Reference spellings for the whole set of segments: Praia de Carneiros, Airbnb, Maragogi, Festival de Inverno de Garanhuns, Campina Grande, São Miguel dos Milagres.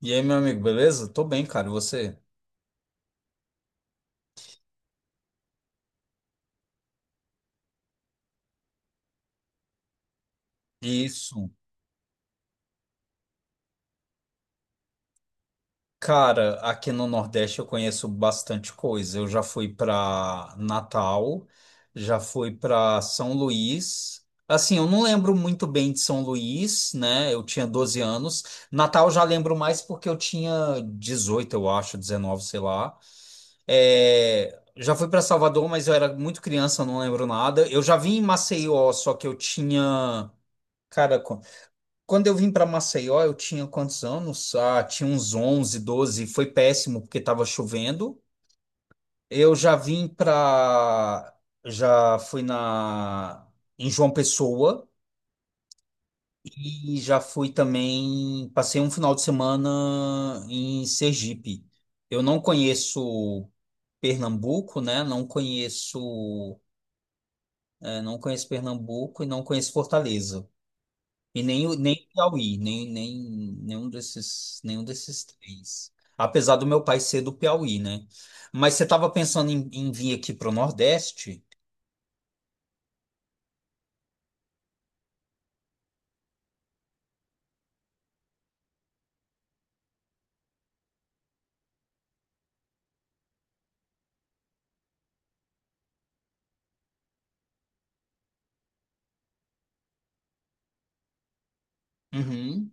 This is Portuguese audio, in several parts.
E aí, meu amigo, beleza? Tô bem, cara. E você? Isso. Cara, aqui no Nordeste eu conheço bastante coisa. Eu já fui pra Natal, já fui pra São Luís. Assim, eu não lembro muito bem de São Luís, né? Eu tinha 12 anos. Natal eu já lembro mais porque eu tinha 18, eu acho, 19, sei lá. É, já fui para Salvador, mas eu era muito criança, eu não lembro nada. Eu já vim em Maceió, só que eu tinha. Cara, quando eu vim para Maceió, eu tinha quantos anos? Ah, tinha uns 11, 12. Foi péssimo porque estava chovendo. Eu já vim para. Já fui na. Em João Pessoa e já fui também. Passei um final de semana em Sergipe. Eu não conheço Pernambuco, né? Não conheço. Não conheço Pernambuco e não conheço Fortaleza. E nem, nem o Piauí, nem, nem, nenhum desses três. Apesar do meu pai ser do Piauí, né? Mas você estava pensando em vir aqui para o Nordeste? Uhum.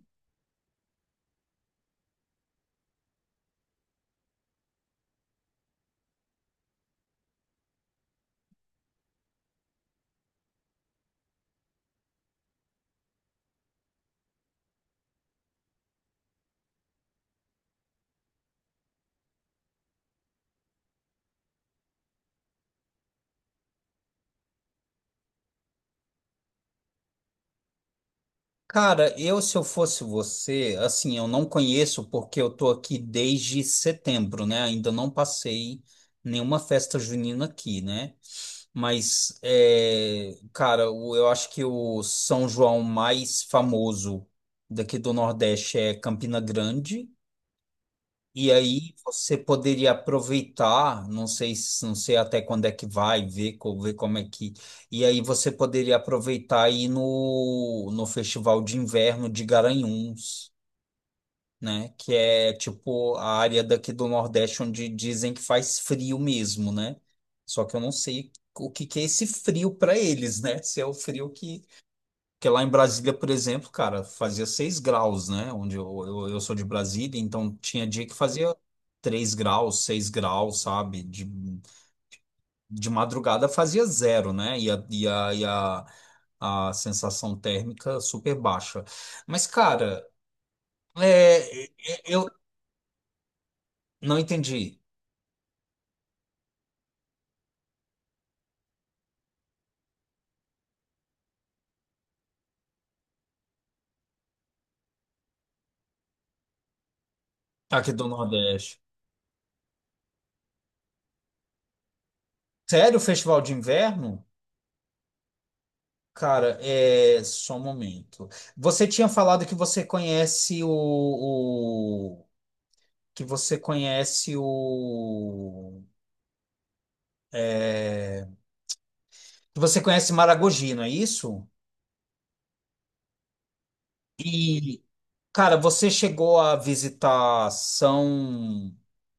Cara, se eu fosse você, assim, eu não conheço porque eu tô aqui desde setembro, né? Ainda não passei nenhuma festa junina aqui, né? Mas, é, cara, eu acho que o São João mais famoso daqui do Nordeste é Campina Grande. E aí você poderia aproveitar, não sei, não sei até quando é que vai, ver, ver como é que. E aí você poderia aproveitar e ir no Festival de Inverno de Garanhuns, né? Que é tipo a área daqui do Nordeste onde dizem que faz frio mesmo, né? Só que eu não sei o que que é esse frio para eles, né? Se é o frio que porque lá em Brasília, por exemplo, cara, fazia 6 graus, né? Onde eu sou de Brasília, então tinha dia que fazia 3 graus, 6 graus, sabe? De madrugada fazia 0, né? A sensação térmica super baixa. Mas, cara, é, é, é, eu não entendi aqui do Nordeste. Sério, o festival de inverno? Cara, é só um momento. Você tinha falado que você conhece o, que você conhece o. é, que você conhece Maragogi, não é isso? E, cara, você chegou a visitar São,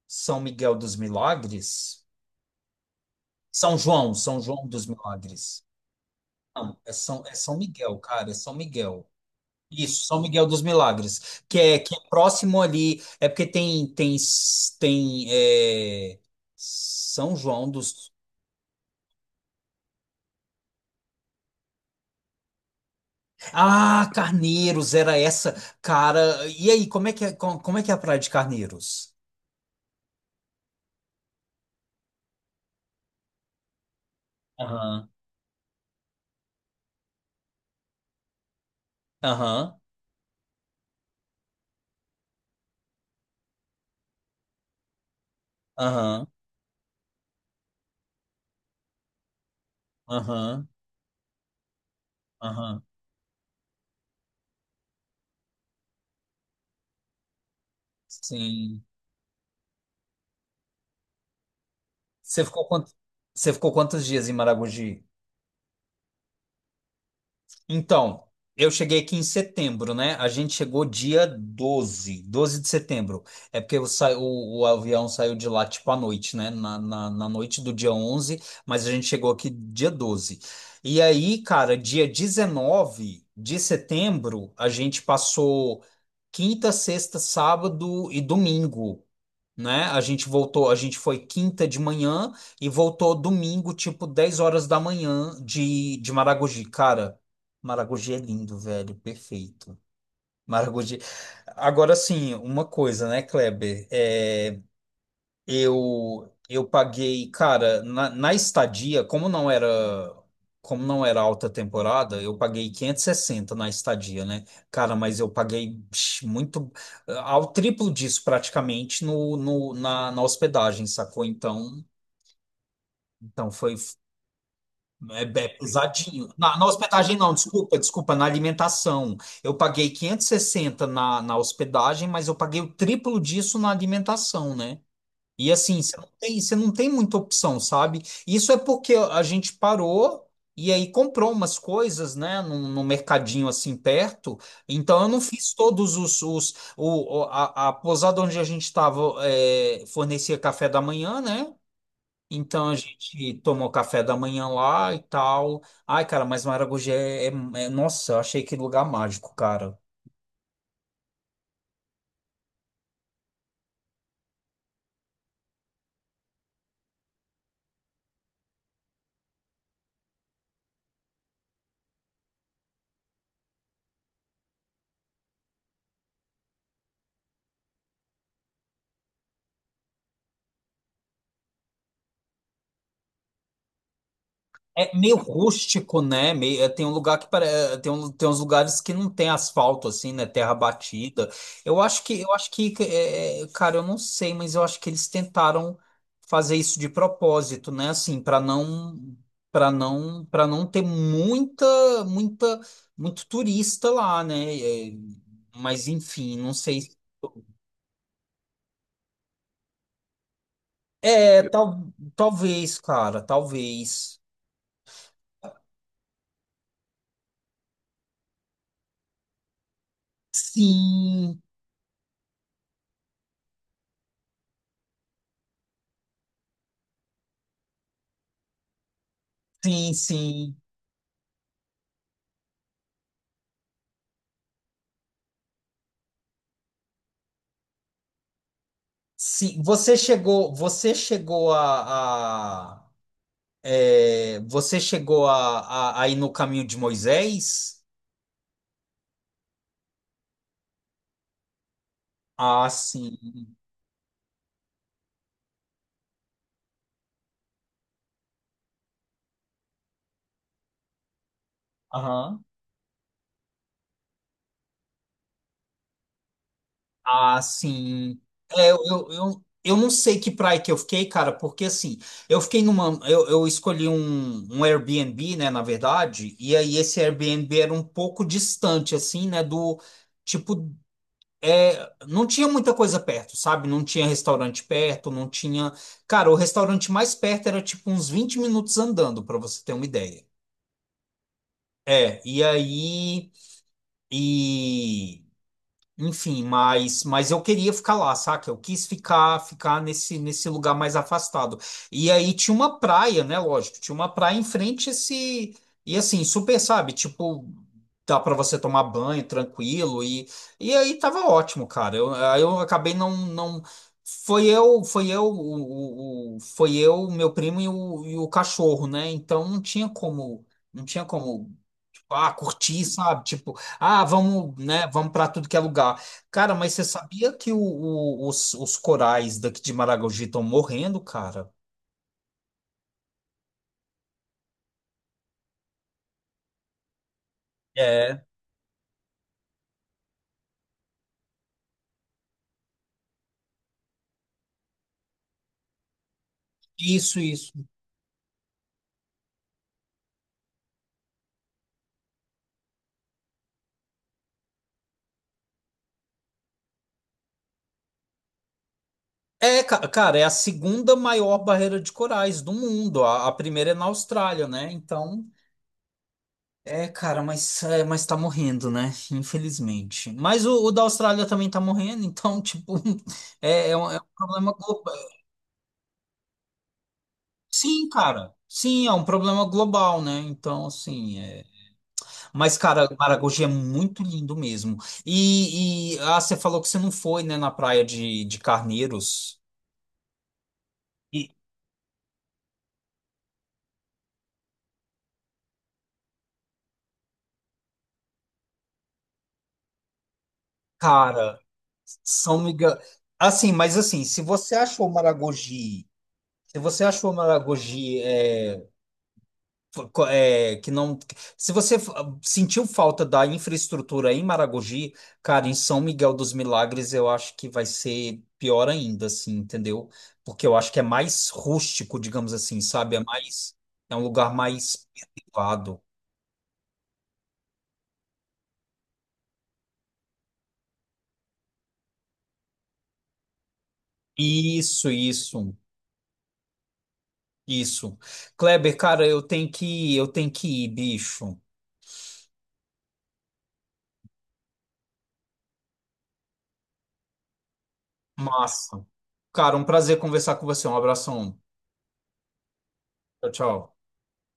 São Miguel dos Milagres? São João dos Milagres. Não, é São Miguel, cara, é São Miguel. Isso, São Miguel dos Milagres, que é próximo ali, é porque tem, tem, é, São João dos. Ah, Carneiros, era essa. Cara, e aí, como é que é, como, é que é a Praia de Carneiros? Aham, aham, aham, aham, aham. Sim. Você ficou quant... Você ficou quantos dias em Maragogi? Então, eu cheguei aqui em setembro, né? A gente chegou dia doze de setembro. É porque o avião saiu de lá tipo à noite, né? Na noite do dia 11, mas a gente chegou aqui dia 12. E aí, cara, dia 19 de setembro, a gente passou quinta, sexta, sábado e domingo, né? A gente voltou, a gente foi quinta de manhã e voltou domingo, tipo 10 horas da manhã de Maragogi. Cara, Maragogi é lindo, velho, perfeito. Maragogi. Agora sim, uma coisa, né, Kleber? Eu paguei, cara, na estadia, como não era alta temporada, eu paguei 560 na estadia, né? Cara, mas eu paguei muito ao triplo disso praticamente no, no na, na hospedagem, sacou? Então foi. É, é pesadinho. Na hospedagem, não, desculpa, desculpa, na alimentação. Eu paguei 560 na hospedagem, mas eu paguei o triplo disso na alimentação, né? E assim, você não tem muita opção, sabe? Isso é porque a gente parou e aí comprou umas coisas, né, num mercadinho assim perto. Então eu não fiz todos os o, a pousada onde a gente estava fornecia café da manhã, né? Então a gente tomou café da manhã lá e tal. Ai, cara, mas Maragogi é, nossa, eu achei que lugar mágico, cara. É meio rústico, né? Meio, tem um lugar que tem uns lugares que não tem asfalto assim, né? Terra batida. Eu acho que é, cara, eu não sei, mas eu acho que eles tentaram fazer isso de propósito, né? Assim, para não ter muita muita muito turista lá, né? É, mas enfim, não sei. É, tal, talvez, cara, talvez. Sim, sim, sim. Sim, você chegou a ir no caminho de Moisés? Ah, sim. Aham. Ah, sim. Eu não sei que praia que eu fiquei, cara, porque assim, eu fiquei numa, eu escolhi um Airbnb, né, na verdade, e aí esse Airbnb era um pouco distante, assim, né, do tipo. É, não tinha muita coisa perto, sabe? Não tinha restaurante perto, não tinha. Cara, o restaurante mais perto era tipo uns 20 minutos andando, pra você ter uma ideia. É, e aí. E. Enfim, mas eu queria ficar lá, saca? Eu quis ficar nesse lugar mais afastado. E aí tinha uma praia, né? Lógico, tinha uma praia em frente a esse. E assim, super, sabe? Tipo, dá para você tomar banho tranquilo. E aí tava ótimo, cara. Aí eu acabei não, não. Foi eu, meu primo e e o cachorro, né? Então não tinha como curtir, sabe? Tipo, vamos, né, vamos para tudo que é lugar. Cara, mas você sabia que os corais daqui de Maragogi estão morrendo, cara? É. Isso, isso. É, cara, é a segunda maior barreira de corais do mundo. A primeira é na Austrália, né? Então, é, cara, mas tá morrendo, né? Infelizmente. Mas o da Austrália também tá morrendo, então, tipo, é, é um problema global. Sim, cara. Sim, é um problema global, né? Então, assim. Mas, cara, Maragogi é muito lindo mesmo. Você falou que você não foi, né, na praia de Carneiros. E, cara, São Miguel. Assim, mas assim, se você achou Maragogi. Que não. Se você sentiu falta da infraestrutura em Maragogi, cara, em São Miguel dos Milagres eu acho que vai ser pior ainda, assim, entendeu? Porque eu acho que é mais rústico, digamos assim, sabe? É um lugar mais privado. Isso, isso, isso. Kleber, cara, eu tenho que ir, bicho. Massa. Cara, um prazer conversar com você. Um abração. Tchau, tchau.